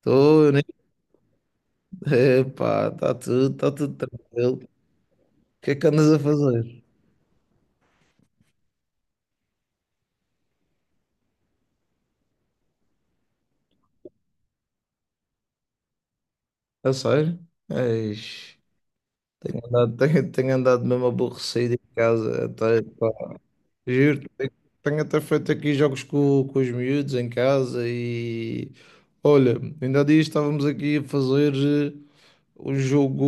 Estou, né? Epá, está tudo, tudo tranquilo. O que é que andas a fazer? A sério? Eis, tenho andado mesmo aborrecido em casa. Até, pá, juro, tenho até feito aqui jogos com os miúdos em casa e. Olha, ainda há dias estávamos aqui a fazer. O jogo,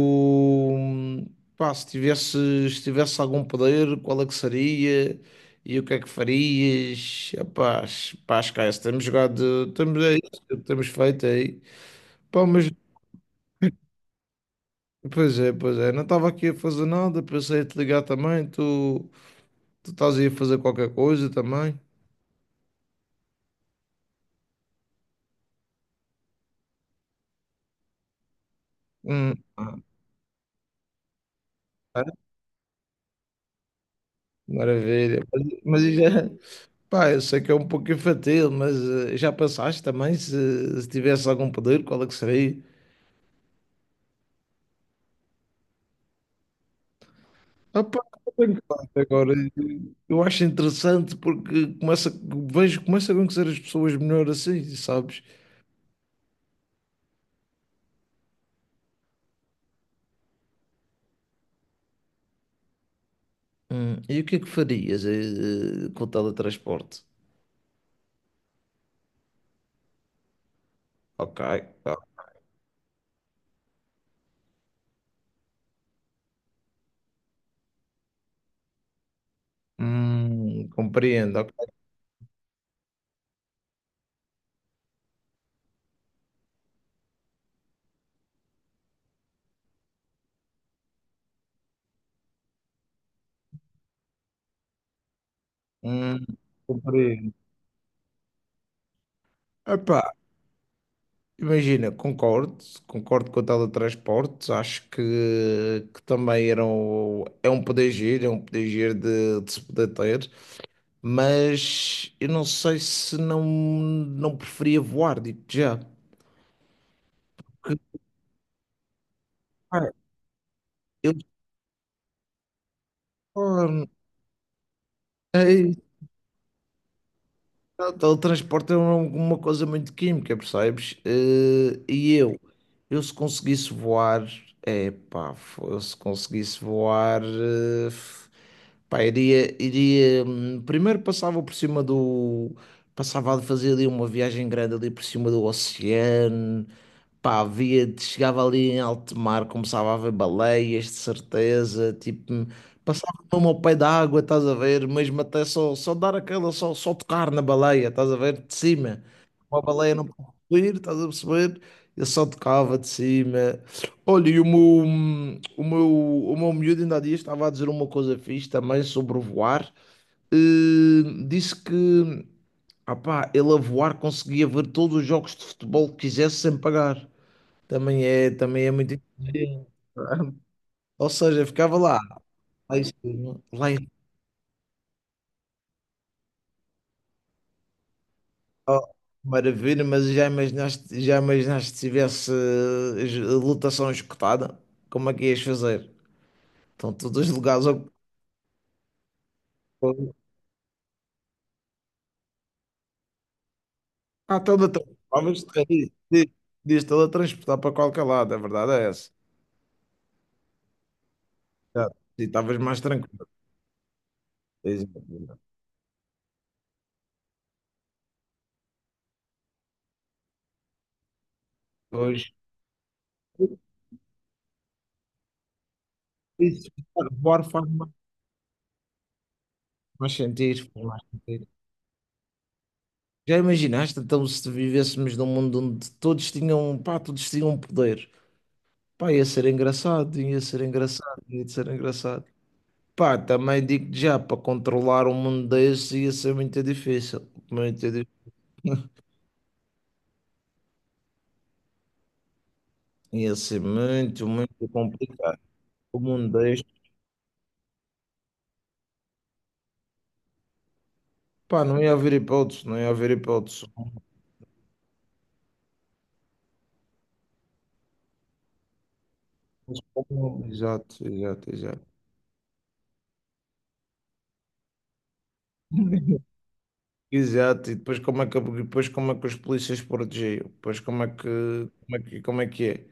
hum, pá, se tivesse algum poder, qual é que seria? E o que é que farias? Epá, pá, esquece, temos jogado, temos, é isso que temos feito é aí. Pá, mas, pois é, não estava aqui a fazer nada, pensei em te ligar também, tu estás aí a fazer qualquer coisa também. Hum, ah, é? Maravilha. Mas, pá, eu sei que é um pouco infantil, mas já pensaste também se tivesse algum poder, qual é que seria? Ah, pá, não tenho claro agora. Eu acho interessante porque começa, vejo, começo a conhecer as pessoas melhor assim, sabes? E o que é que farias com o teletransporte? Ok, tá. Compreendo, ok. Hum, compreendo. Epá, imagina, concordo, concordo com o teletransporte, que também era um, é um poder giro, é um poder giro de se poder ter. Mas eu não sei se não, não preferia voar, digo já. Porque, pá, eu só- é isso, o teletransporte é uma coisa muito química, percebes? Eu se conseguisse voar, é pá, se conseguisse voar, pá, iria primeiro passava por cima do, passava a fazer ali uma viagem grande ali por cima do oceano. Pá, via, chegava ali em alto mar, começava a ver baleias, de certeza, tipo, passava mesmo ao pé da água, estás a ver, mesmo até só, só tocar na baleia, estás a ver, de cima. Uma baleia não pode subir, estás a perceber? Eu só tocava de cima. Olha, e o meu, o meu miúdo ainda há dias estava a dizer uma coisa fixe também sobre voar. Disse que, ah pá, ele a voar conseguia ver todos os jogos de futebol que quisesse sem pagar. Também é muito diferente. Ou seja, ficava lá, lá em cima, maravilha, mas já imaginaste se tivesse lotação escutada, como é que ias fazer? Estão todos os lugares ocupados. Ah, teletransportavas, diz teletransportar para qualquer lado, a verdade é essa. Já, e estavas mais tranquilo. Exato. Pois, isso, voar faz mais, mais sentido, faz mais sentido. Já imaginaste então se vivêssemos num mundo onde todos tinham, pá, todos tinham um poder? Pá, ia ser engraçado, ia ser engraçado, ia ser engraçado. Pá, também digo já, para controlar um mundo desse ia ser muito difícil, muito difícil. Ia ser muito, muito complicado. O mundo deste, pá, não ia haver hipótese, não ia haver hipótese. Exato, exato, exato. Exato, e depois como é que, depois como é que os polícias protegiam? Depois como é que é?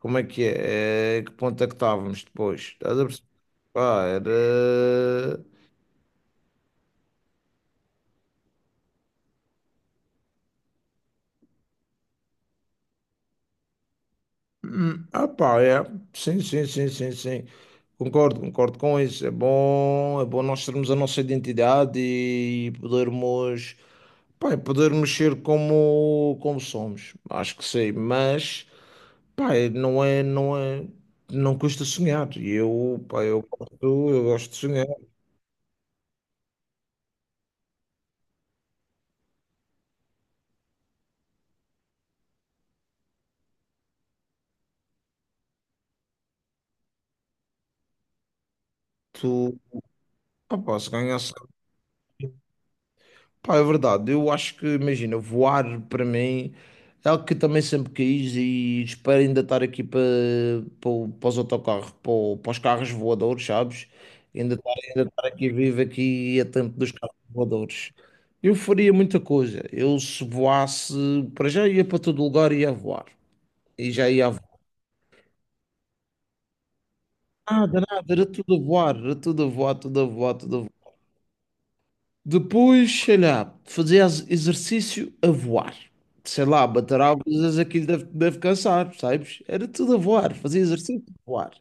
Como é que é? Que ponto é que estávamos depois? Estás a perceber? Pá, era. Ah, pá, é. Sim, sim, sim, sim, sim. Concordo, concordo com isso. É bom nós termos a nossa identidade e podermos, pá, e podermos ser como, como somos. Acho que sim, mas, pá, é, não custa sonhar. E eu, pá, eu gosto de sonhar. Tu, ah, pá, se ganhasse. Pá, é verdade. Eu acho que, imagina, voar para mim é algo que também sempre quis e espero ainda estar aqui para, para, para os autocarros, para, para os carros voadores, sabes? Ainda estar aqui vivo aqui a tempo dos carros voadores. Eu faria muita coisa. Eu se voasse, para já ia para todo lugar e ia voar. E já ia a voar. Nada, nada, era tudo a voar, era tudo a voar, tudo a voar, tudo a voar. Depois, sei lá, fazer exercício a voar. Sei lá, bater asas, aquilo deve, deve cansar, sabes? Era tudo a voar, fazia exercício a voar.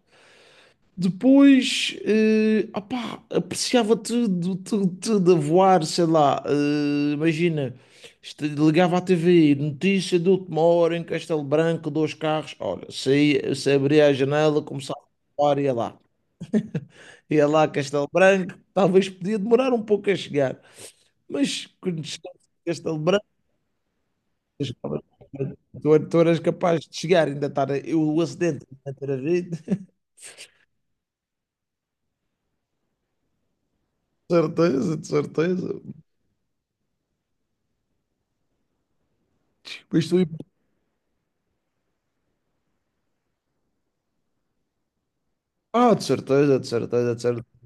Depois, opá, apreciava tudo, tudo, tudo a voar, sei lá, imagina, ligava à TV, notícia de última hora em Castelo Branco, dois carros, olha, saía, se abria a janela, começava a voar, ia lá. Ia lá a Castelo Branco, talvez podia demorar um pouco a chegar. Mas quando chegaste a esta lembrança, tu eras capaz de chegar, ainda estar eu, o acidente, ainda ter havido. De certeza, de certeza. Mas tu, ah, de certeza, de certeza, de certeza.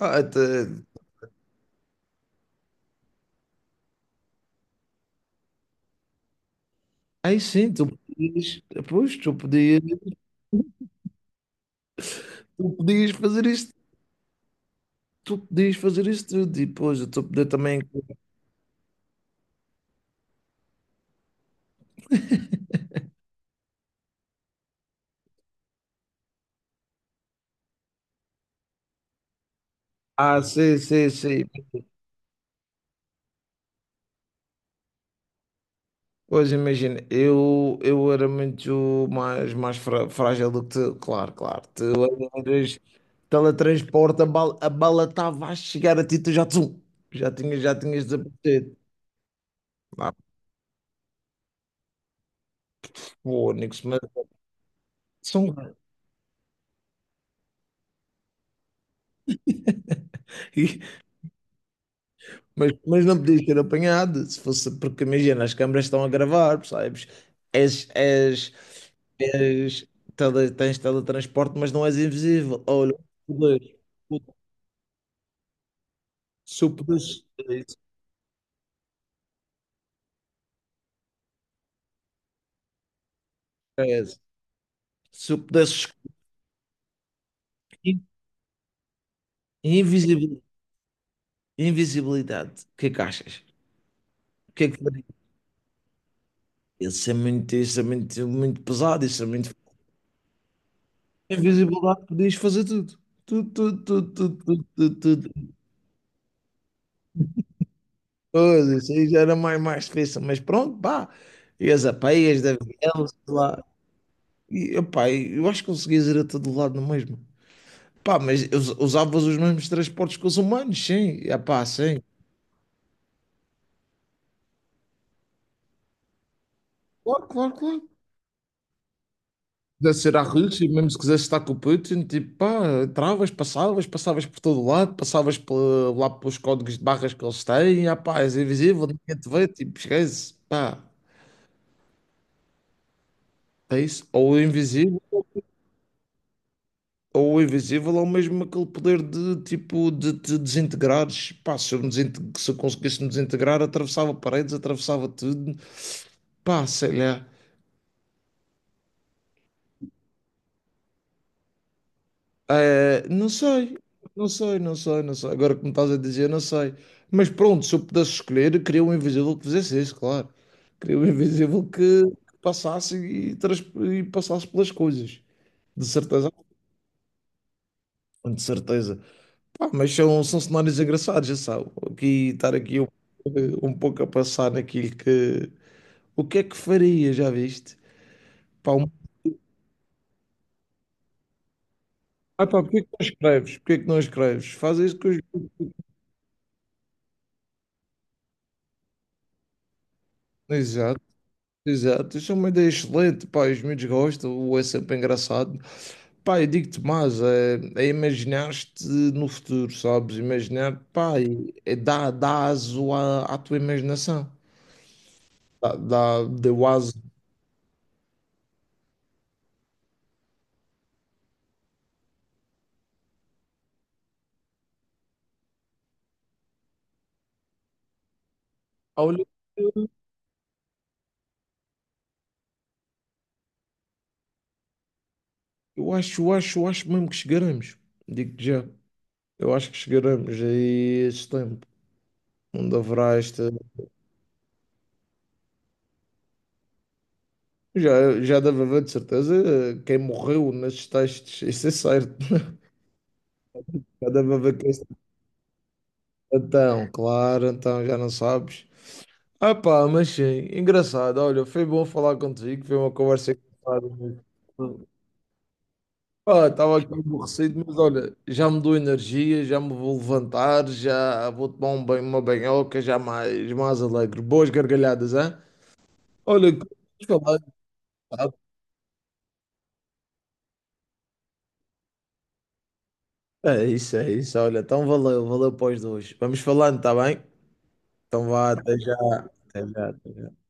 Ah, até... Aí sim, pois, tu podias, tu podias fazer isto, tu podias fazer isto tudo, e depois eu estou a poder também. Ah, sim, sim, sim. Pois imagina, eu era muito mais, frágil do que tu, claro, claro. Tu eras teletransporte, a bala estava a chegar a ti, tu já, tsum, já tinhas desaparecido. Ah, fónix, mas, são- e- mas não podias ter apanhado, se fosse, porque imagina, as câmaras estão a gravar, percebes? És, és, és, tele, tens teletransporte, mas não és invisível. Olha, o poder, o super se eu pudesse escolher invisibil- invisibilidade, o que é que achas? O que é que faria? Muito pesado, isso é muito. Invisibilidade podias fazer tudo. Tudo, tudo, tudo, tudo, tudo, tudo, tudo. Pois, isso aí já era mais, mais difícil, mas pronto, pá. Ias a pé, ias de avião, sei lá. E, opá, eu acho que conseguias ir a todo lado no mesmo. Pá, mas usavas os mesmos transportes que os humanos, sim. Ah, pá, sim. Claro, claro, claro. Quiser ser à Rússia, mesmo se quisesse estar com o Putin, tipo, pá, entravas, passavas, passavas por todo lado, lá pelos códigos de barras que eles têm, ah, pá, és invisível, ninguém te vê, tipo, esquece, pá, é isso. Ou o invisível, ou mesmo aquele poder de, tipo, de te desintegrares, pá, se eu conseguisse me desintegrar, atravessava paredes, atravessava tudo, pá, sei lá. Eh, não sei, não sei, não sei. Agora que me estás a dizer, não sei. Mas pronto, se eu pudesse escolher, queria um invisível que fizesse isso, claro. Queria um invisível que passasse e, e passasse pelas coisas. De certeza, de certeza. Pá, mas são, são cenários engraçados, já sabe. Aqui, estar aqui um, um pouco a passar naquilo que. O que é que faria, já viste? Pá, um... Ah, pá, porquê que não escreves? Porquê que não escreves? Faz isso que os. Exato. Exato, isso é uma ideia excelente, pá, os miúdos gostam, ou é sempre engraçado. Pá, eu digo-te mais, é, é imaginar-te no futuro, sabes? Imaginar, pá, é dá, dá aso à, à tua imaginação. Dá, dá, deu aso. Ah, olha, eu acho mesmo que chegaremos. Digo-te já, eu acho que chegaremos aí a esse tempo, onde haverá esta... já deve haver, de certeza, quem morreu nestes testes, isso é certo. Já deve haver quem então, claro, então já não sabes. Ah pá, mas sim, engraçado. Olha, foi bom falar contigo, foi uma conversa engraçada. Ah, estava aqui aborrecido, mas olha, já me dou energia, já me vou levantar, já vou tomar um banho, uma banhoca, já mais, mais alegre. Boas gargalhadas, hein? Olha, vamos falar, tá? É isso, é isso. Olha, então valeu, valeu para os dois. Vamos falando, tá bem? Então vá, até já. Até já, até já.